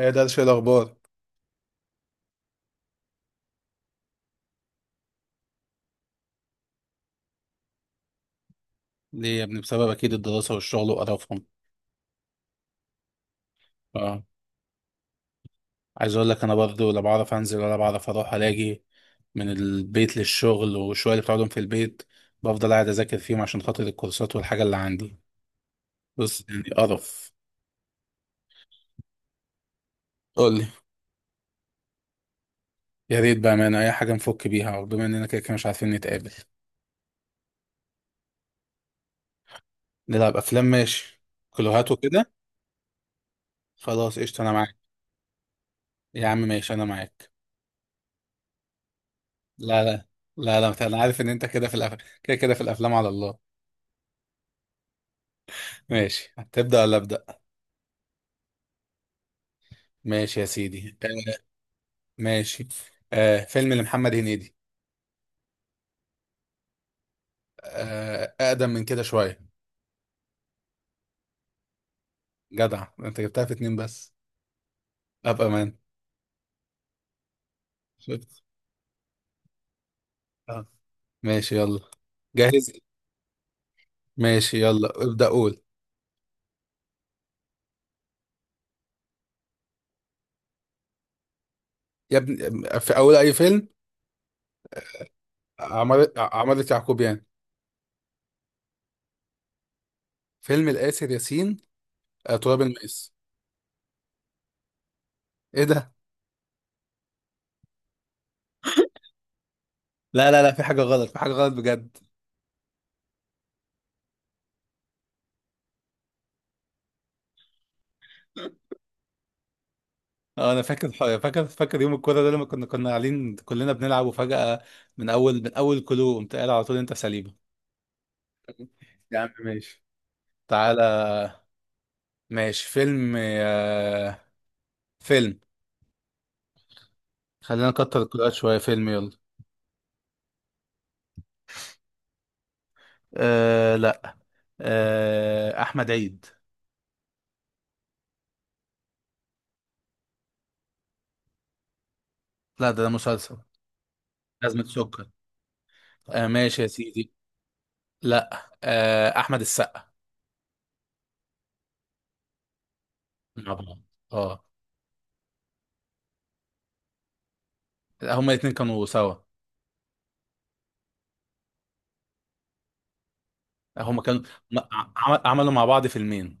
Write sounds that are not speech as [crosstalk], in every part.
ايه ده؟ شيء الاخبار. ليه يا ابني؟ بسبب اكيد الدراسه والشغل وقرفهم. اه. عايز اقول لك انا برضو لا بعرف انزل ولا بعرف اروح. الاقي من البيت للشغل، والشويه اللي بتقعدهم في البيت بفضل قاعد اذاكر فيهم عشان خاطر الكورسات والحاجه اللي عندي. بص يعني قرف. قول لي. يا ريت بامانه، اي حاجه نفك بيها، وبما اننا كده كده مش عارفين نتقابل. نلعب افلام، ماشي. كلوهات وكده. خلاص قشطه، انا معاك. يا عم ماشي انا معاك. لا لا. لا لا انا عارف ان انت كده في كده كده في الافلام، على الله. ماشي، هتبدا ولا ابدا؟ ماشي يا سيدي، آه. ماشي. آه، فيلم لمحمد هنيدي. آه، أقدم من كده شوية. جدع أنت، جبتها في اتنين بس. أبقى مان. شفت؟ آه. ماشي يلا. جاهز. ماشي يلا ابدأ قول. يا ابني في أول أي فيلم. عمارة يعقوبيان. فيلم الآسر ياسين. آه، تراب الماس. إيه ده؟ لا لا لا، في حاجة غلط، في حاجة غلط بجد. اه انا فاكر. فاكر. فاكر يوم الكورة ده، لما كنا قاعدين كلنا بنلعب، وفجأة من اول كلو قمت قايل على طول انت سليبة. يا عم ماشي. تعالى. ماشي، فيلم. آه، فيلم. خلينا نكتر الكلوات شوية. فيلم يلا. آه لا. آه، أحمد عيد. لا ده مسلسل. أزمة سكر. آه ماشي يا سيدي. لا، آه، أحمد السقا. مع بعض. اه. لا، هما الاتنين كانوا سوا. هما كانوا. م- عملوا مع بعض فيلمين.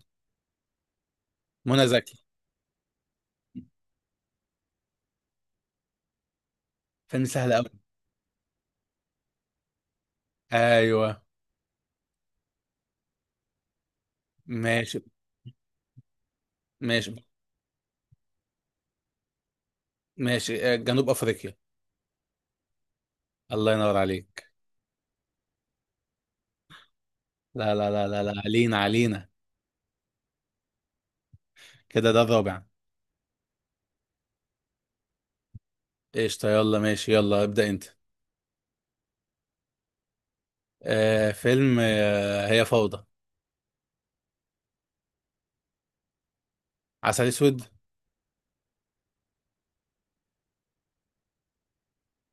منى زكي. فيلم سهل أوي. أيوه. ماشي. ماشي. ماشي، آه، جنوب أفريقيا. الله ينور عليك. لا لا لا لا، لا. علينا علينا. كده ده الرابع. قشطة يلا ماشي، يلا ابدأ انت. آه، فيلم. آه، هي فوضى. عسل اسود.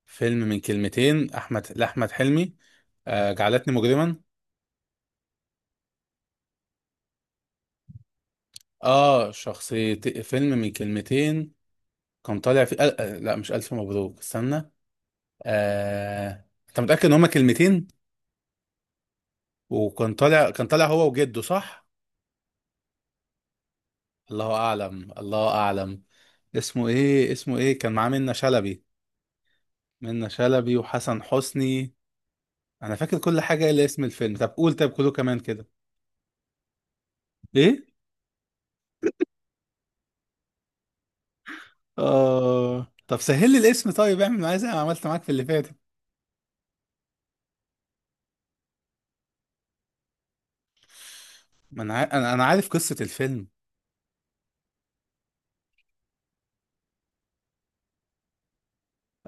فيلم من كلمتين احمد لاحمد حلمي. آه، جعلتني مجرما. اه، شخصية فيلم من كلمتين. كان طالع في آه، لا، مش الف مبروك. استنى. آه، انت متأكد ان هما كلمتين؟ وكان طالع، كان طالع هو وجده، صح؟ الله اعلم. الله اعلم. اسمه ايه؟ اسمه ايه؟ كان معاه منة شلبي. منة شلبي وحسن حسني. انا فاكر كل حاجه الا اسم الفيلم. طب قول، طب كله كمان كده. ايه؟ اه، طب سهل لي الاسم. طيب اعمل معايا زي ما عملت معاك في اللي فاتت. ما انا عا- انا أنا عارف قصه الفيلم.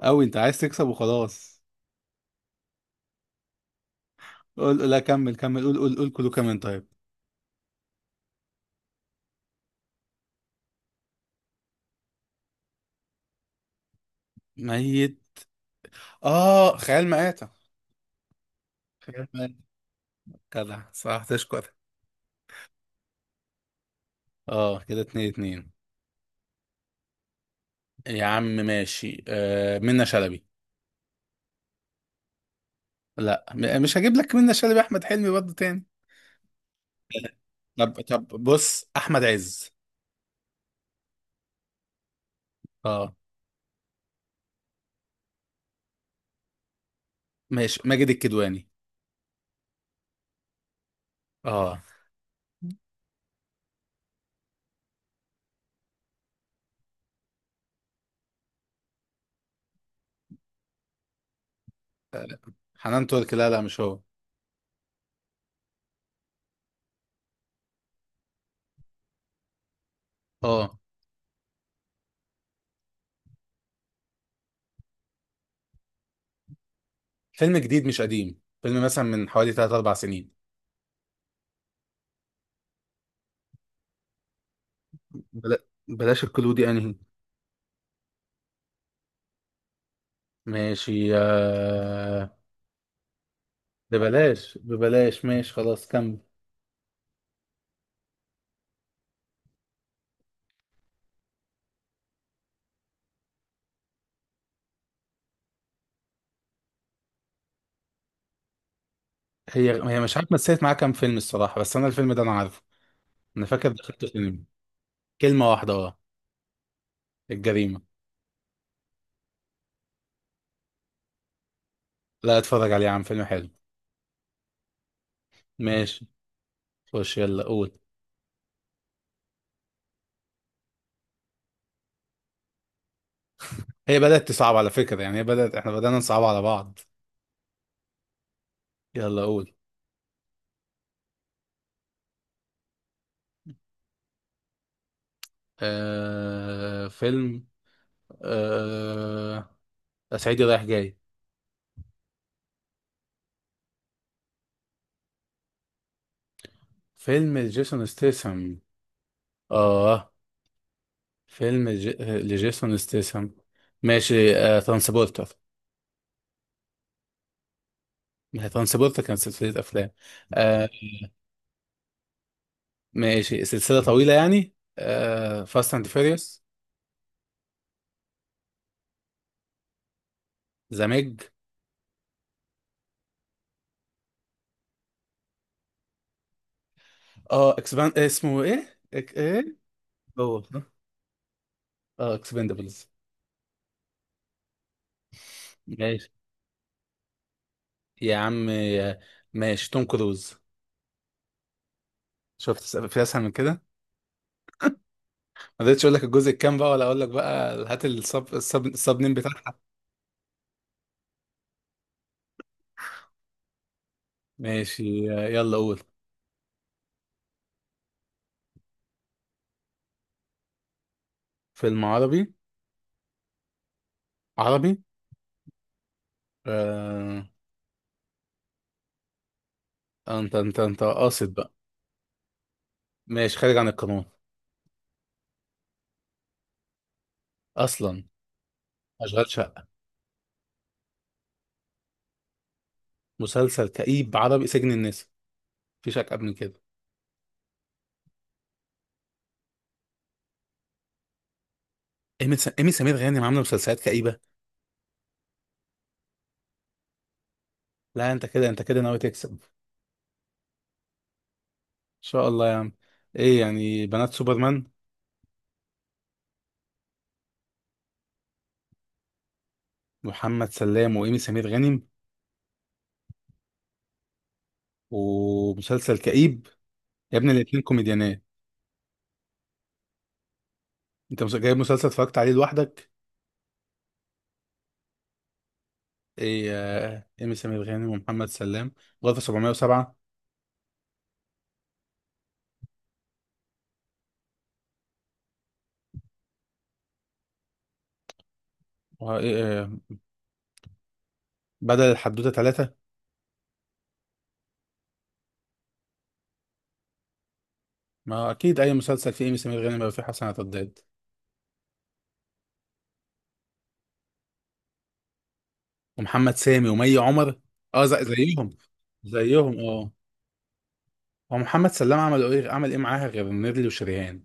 اوي، انت عايز تكسب وخلاص. قول لا، كمل كمل، قول قول قول كله كمان طيب. ميت. اه، خيال مآتة. خيال مآتة. كده صح، تشكر. اه كده اتنين اتنين. يا عم ماشي، آه، منة شلبي. لا، مش هجيب لك منة شلبي، احمد حلمي برضه تاني. [laughs] طب طب بص، احمد عز. اه. ماشي، ماجد الكدواني. اه. حنان ترك. لا لا، مش هو. اه. فيلم جديد مش قديم، فيلم مثلا من حوالي 3 4 سنين. بلا... بلاش الكلو دي، انهي؟ ماشي آه. ببلاش ببلاش ماشي خلاص، كمل. هي هي مش عارف مثلت معاه كام فيلم الصراحة، بس انا الفيلم ده انا عارفه. انا فاكر دخلته سينما. كلمة واحدة، اه. الجريمة. لا، اتفرج عليه يا عم، فيلم حلو. ماشي. خش يلا قول. هي بدأت تصعب على فكرة، يعني هي بدأت، احنا بدأنا نصعب على بعض. يلا قول. آه، فيلم. آه، صعيدي رايح جاي. فيلم لجيسون ستيسم. اه، فيلم لجيسون ستيسم. ماشي، آه، ترانسبورتر. ما هي ترانسبورتر كانت سلسلة أفلام. آه. ماشي، سلسلة طويلة يعني. آه، فاست أند فيريوس. ذا ميج. اه، اكسبان، اسمه ايه؟ ايه؟ هو ده. اه، اكسبندبلز. ماشي. يا عم آه. ماشي، توم كروز. شفت في أسهل من كده؟ ما قدرتش اقول لك الجزء الكام بقى، ولا اقول لك بقى هات السب نيم بتاعها. ماشي يلا قول. فيلم. عربي. عربي آه. انت قاصد بقى. ماشي، خارج عن القانون. اصلا. اشغال شقه. مسلسل كئيب، عربي، سجن الناس، مفيش اكئب من كده. إيمي سمير غانم عامله مسلسلات كئيبه. لا، انت كده، انت كده ناوي تكسب. ان شاء الله يا عم. ايه يعني؟ بنات سوبرمان. محمد سلام وايمي سمير غانم. ومسلسل كئيب. يا ابني الاتنين كوميديانات. انت جايب مسلسل اتفرجت عليه لوحدك؟ ايه. آه، ايمي سمير غانم ومحمد سلام. غرفة 707. آه، بدل الحدوتة ثلاثة. ما اكيد اي مسلسل فيه ايمي سمير غانم يبقى فيه حسن عتاد. ومحمد سامي ومي عمر. اه، زيهم زيهم اه. هو محمد سلام عمل ايه، معاها غير نيرلي وشريهان؟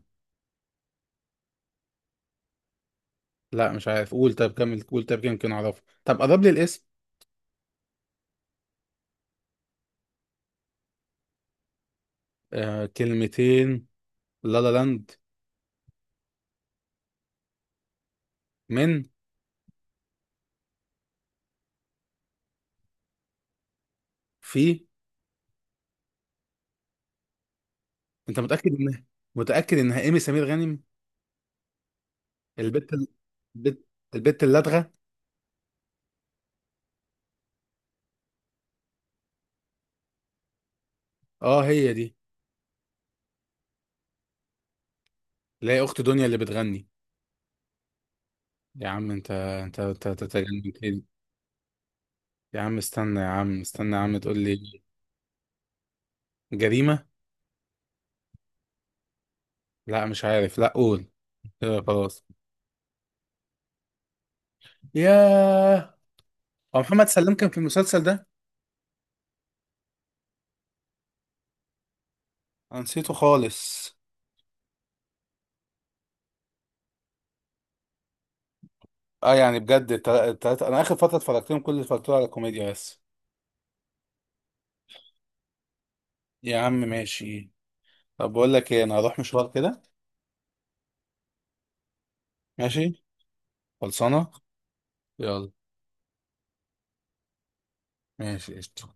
لا مش عارف. قول، طب كمل قول، طب يمكن اعرفه، طب قرب لي الاسم. آه، كلمتين. لا لا لاند. من. في. انت متأكد ان، متأكد انها ايمي سمير غانم؟ البت. البت. البت اللدغة. اه هي دي. اللي هي اخت دنيا اللي بتغني. يا عم انت أنت تتجنن كده. يا عم استنى، يا عم استنى، يا عم تقول لي. جريمة. لا مش عارف، لا قول. كده خلاص. ياه. هو محمد سلام كان في المسلسل ده؟ انا نسيته خالص. اه يعني بجد التلاتة انا اخر فترة اتفرجت لهم، كل اللي اتفرجت له على كوميديا بس. يا عم ماشي. طب بقول لك ايه، انا هروح مشوار كده. ماشي. خلصانة. يلا. ماشي قشطة.